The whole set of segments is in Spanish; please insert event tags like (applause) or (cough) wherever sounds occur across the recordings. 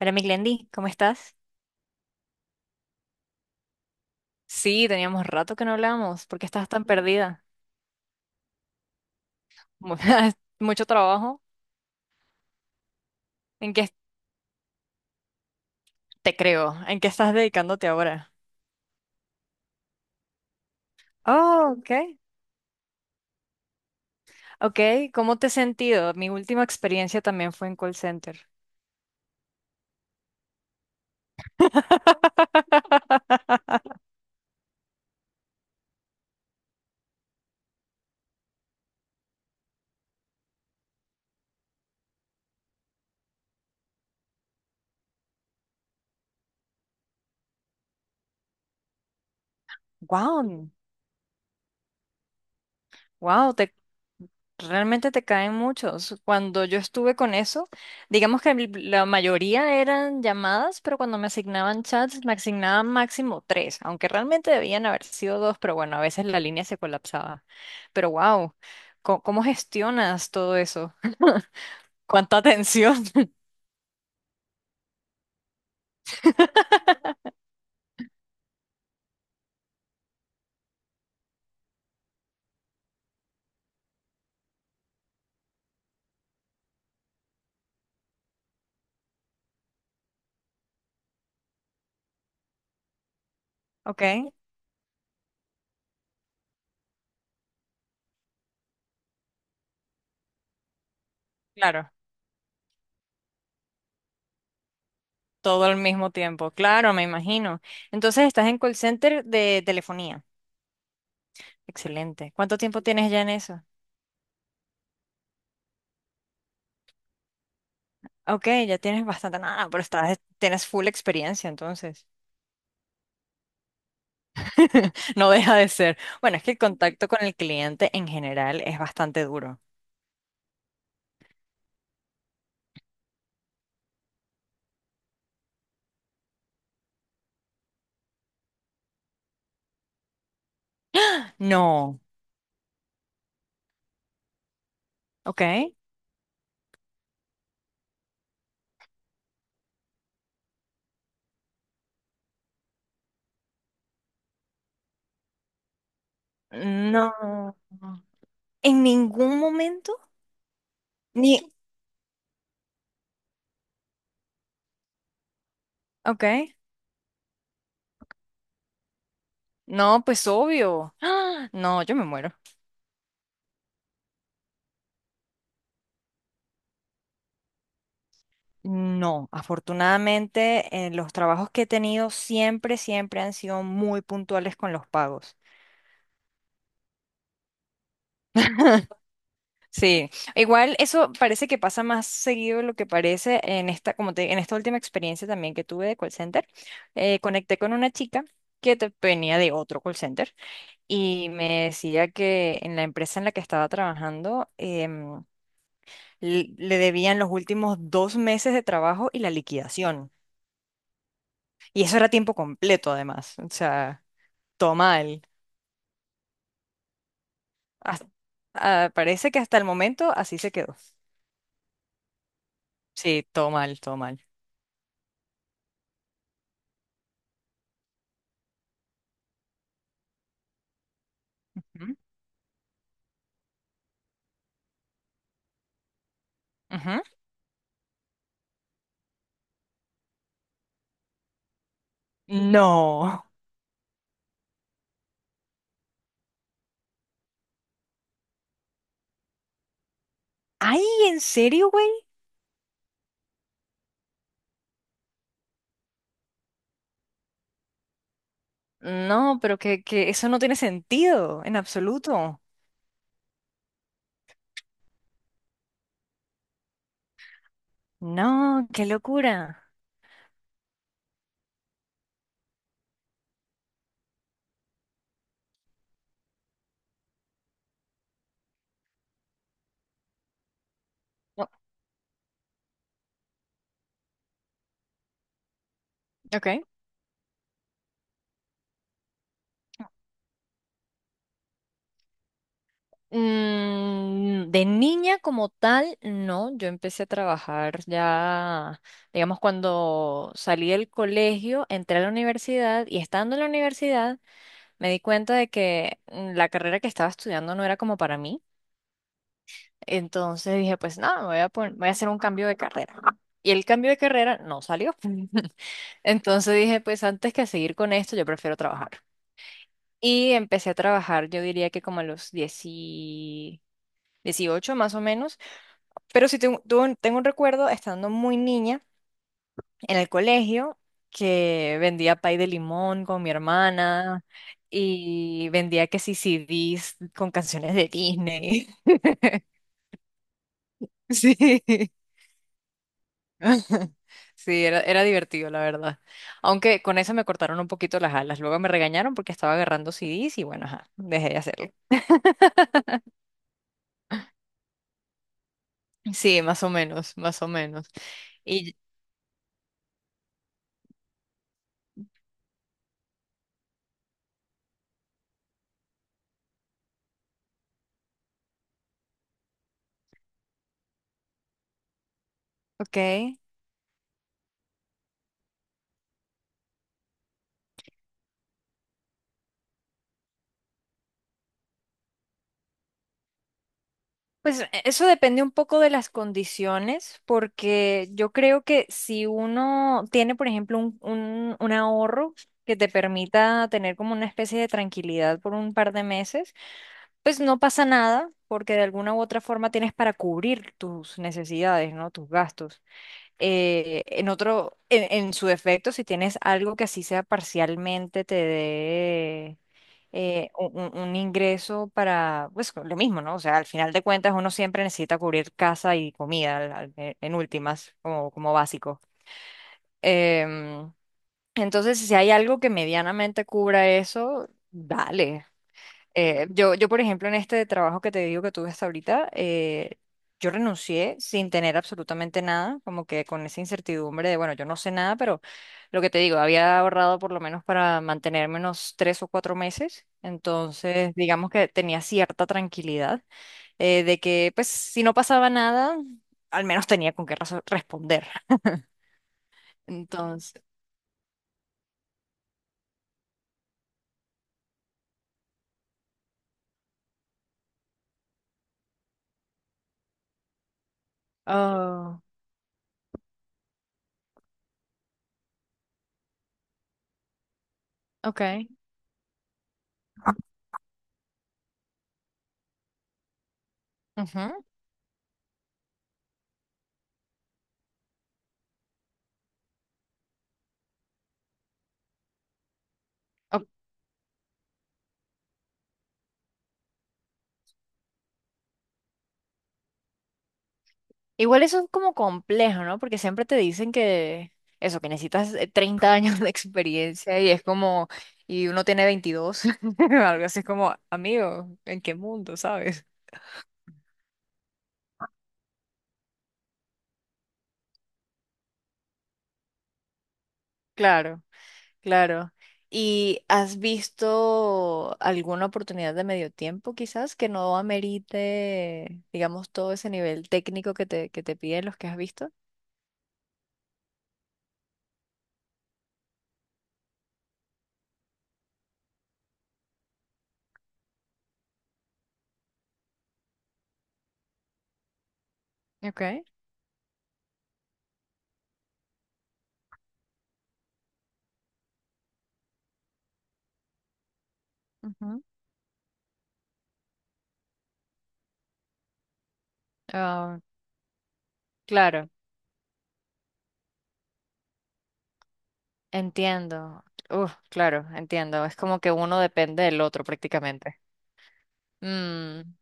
Hola, mi Glendy, ¿cómo estás? Sí, teníamos rato que no hablábamos. ¿Por qué estás tan perdida? Mu- (laughs) Mucho trabajo. ¿En qué te creo? ¿En qué estás dedicándote ahora? Oh, ok. Ok, ¿cómo te has sentido? Mi última experiencia también fue en call center. (laughs) Wow. Wow, te, realmente te caen muchos. Cuando yo estuve con eso, digamos que el- la mayoría eran llamadas, pero cuando me asignaban chats, me asignaban máximo tres, aunque realmente debían haber sido dos, pero bueno, a veces la línea se colapsaba. Pero wow, ¿cómo, cómo gestionas todo eso? (laughs) ¿Cuánta atención? (laughs) Ok, claro, todo al mismo tiempo, claro, me imagino. Entonces estás en call center de telefonía. Excelente. ¿Cuánto tiempo tienes ya en eso? Ok, ya tienes bastante nada, pero estás, tienes full experiencia entonces. (laughs) No deja de ser. Bueno, es que el contacto con el cliente en general es bastante duro. No, ok. No. En ningún momento. Ni. Ok. No, pues obvio. (gasps) ¡Ah! No, yo me muero. No, afortunadamente, los trabajos que he tenido siempre, siempre han sido muy puntuales con los pagos. (laughs) Sí, igual eso parece que pasa más seguido de lo que parece en esta, como te, en esta última experiencia también que tuve de call center. Conecté con una chica venía de otro call center y me decía que en la empresa en la que estaba trabajando le debían los últimos dos meses de trabajo y la liquidación. Y eso era tiempo completo además. O sea, todo mal. Has- ah, parece que hasta el momento así se quedó. Sí, todo mal, todo mal. Ujú, ujú. No. Ay, ¿en serio, güey? No, pero que eso no tiene sentido en absoluto. No, qué locura. No, ok. De niña como tal, no. Yo empecé a trabajar ya, digamos, cuando salí del colegio, entré a la universidad y estando en la universidad me di cuenta de que la carrera que estaba estudiando no era como para mí. Entonces dije, pues nada, me voy a pon- voy a hacer un cambio de carrera. Y el cambio de carrera no salió. (laughs) Entonces dije, pues antes que seguir con esto, yo prefiero trabajar. Y empecé a trabajar, yo diría que como a los 10 18 más o menos. Pero sí tengo, tengo un recuerdo estando muy niña en el colegio que vendía pay de limón con mi hermana y vendía que sí CDs con canciones de Disney. (laughs) Sí. (laughs) Sí, era, era divertido, la verdad. Aunque con esa me cortaron un poquito las alas. Luego me regañaron porque estaba agarrando CDs y bueno, ajá, dejé de hacerlo. Sí, más o menos, más o menos. Y, ok. Pues eso depende un poco de las condiciones, porque yo creo que si uno tiene, por ejemplo, un ahorro que te permita tener como una especie de tranquilidad por un par de meses. Pues no pasa nada, porque de alguna u otra forma tienes para cubrir tus necesidades, ¿no? Tus gastos. En su defecto, si tienes algo que así sea parcialmente te dé un ingreso para, pues lo mismo, ¿no? O sea, al final de cuentas uno siempre necesita cubrir casa y comida, en últimas, como, como básico. Em, entonces, si hay algo que medianamente cubra eso, dale. Por ejemplo, en este trabajo que te digo que tuve hasta ahorita, yo renuncié sin tener absolutamente nada, como que con esa incertidumbre de, bueno, yo no sé nada, pero lo que te digo, había ahorrado por lo menos para mantenerme unos tres o cuatro meses, entonces digamos que tenía cierta tranquilidad de que, pues, si no pasaba nada, al menos tenía con qué responder. (laughs) Entonces, oh, ok. Ujú. Igual eso es como complejo, ¿no? Porque siempre te dicen que eso, que necesitas 30 (laughs) años de experiencia y es como, y uno tiene 22 (laughs) algo así es como, amigo, ¿en qué mundo, sabes? Claro, claro. ¿Y has visto alguna oportunidad de medio tiempo quizás que no amerite, digamos, todo ese nivel técnico que te piden los que has visto? Okay. Ujú. Ah, claro. Entiendo. Uf, claro, entiendo. Es como que uno depende del otro prácticamente. Mm,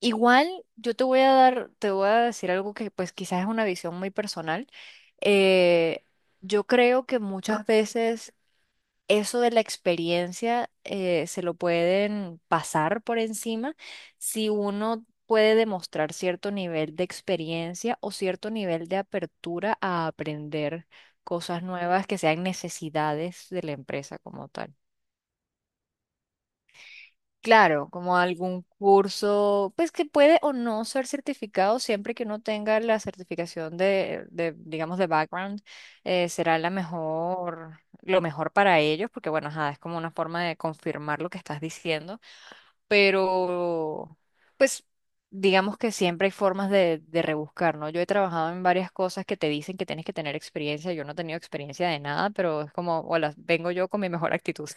igual yo te voy a dar, te voy a decir algo que pues quizás es una visión muy personal. Eh, yo creo que muchas veces eso de la experiencia se lo pueden pasar por encima si uno puede demostrar cierto nivel de experiencia o cierto nivel de apertura a aprender cosas nuevas que sean necesidades de la empresa como tal. Claro, como algún curso, pues que puede o no ser certificado, siempre que uno tenga la certificación digamos, de background, será la mejor, lo mejor para ellos, porque bueno, ajá, es como una forma de confirmar lo que estás diciendo, pero pues digamos que siempre hay formas de rebuscar, ¿no? Yo he trabajado en varias cosas que te dicen que tienes que tener experiencia, yo no he tenido experiencia de nada, pero es como, hola, vengo yo con mi mejor actitud.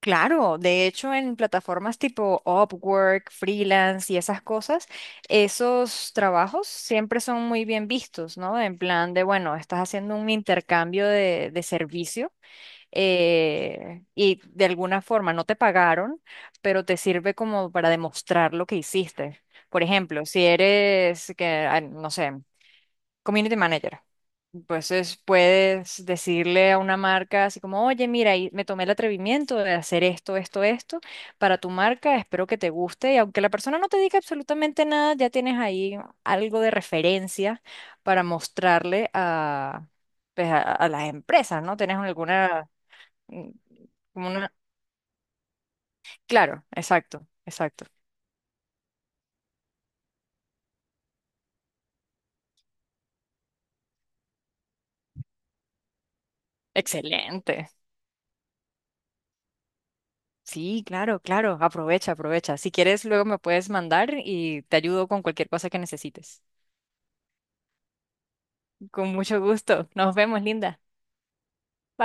Claro, de hecho en plataformas tipo Upwork, freelance y esas cosas, esos trabajos siempre son muy bien vistos, ¿no? En plan de, bueno, estás haciendo un intercambio de servicio y de alguna forma no te pagaron, pero te sirve como para demostrar lo que hiciste. Por ejemplo, si eres, que, ah, no sé, Community manager. Entonces puedes decirle a una marca así como, oye, mira, y me tomé el atrevimiento de hacer esto, esto, esto para tu marca, espero que te guste. Y aunque la persona no te diga absolutamente nada, ya tienes ahí algo de referencia para mostrarle a, pues, a las empresas, ¿no? Tienes alguna, mm, como una... Claro, exacto, exacto. Excelente. Sí, claro, claro. Aprovecha, aprovecha. Si quieres, luego me puedes mandar y te ayudo con cualquier cosa que necesites. Con mucho gusto. Nos vemos, linda. Bye.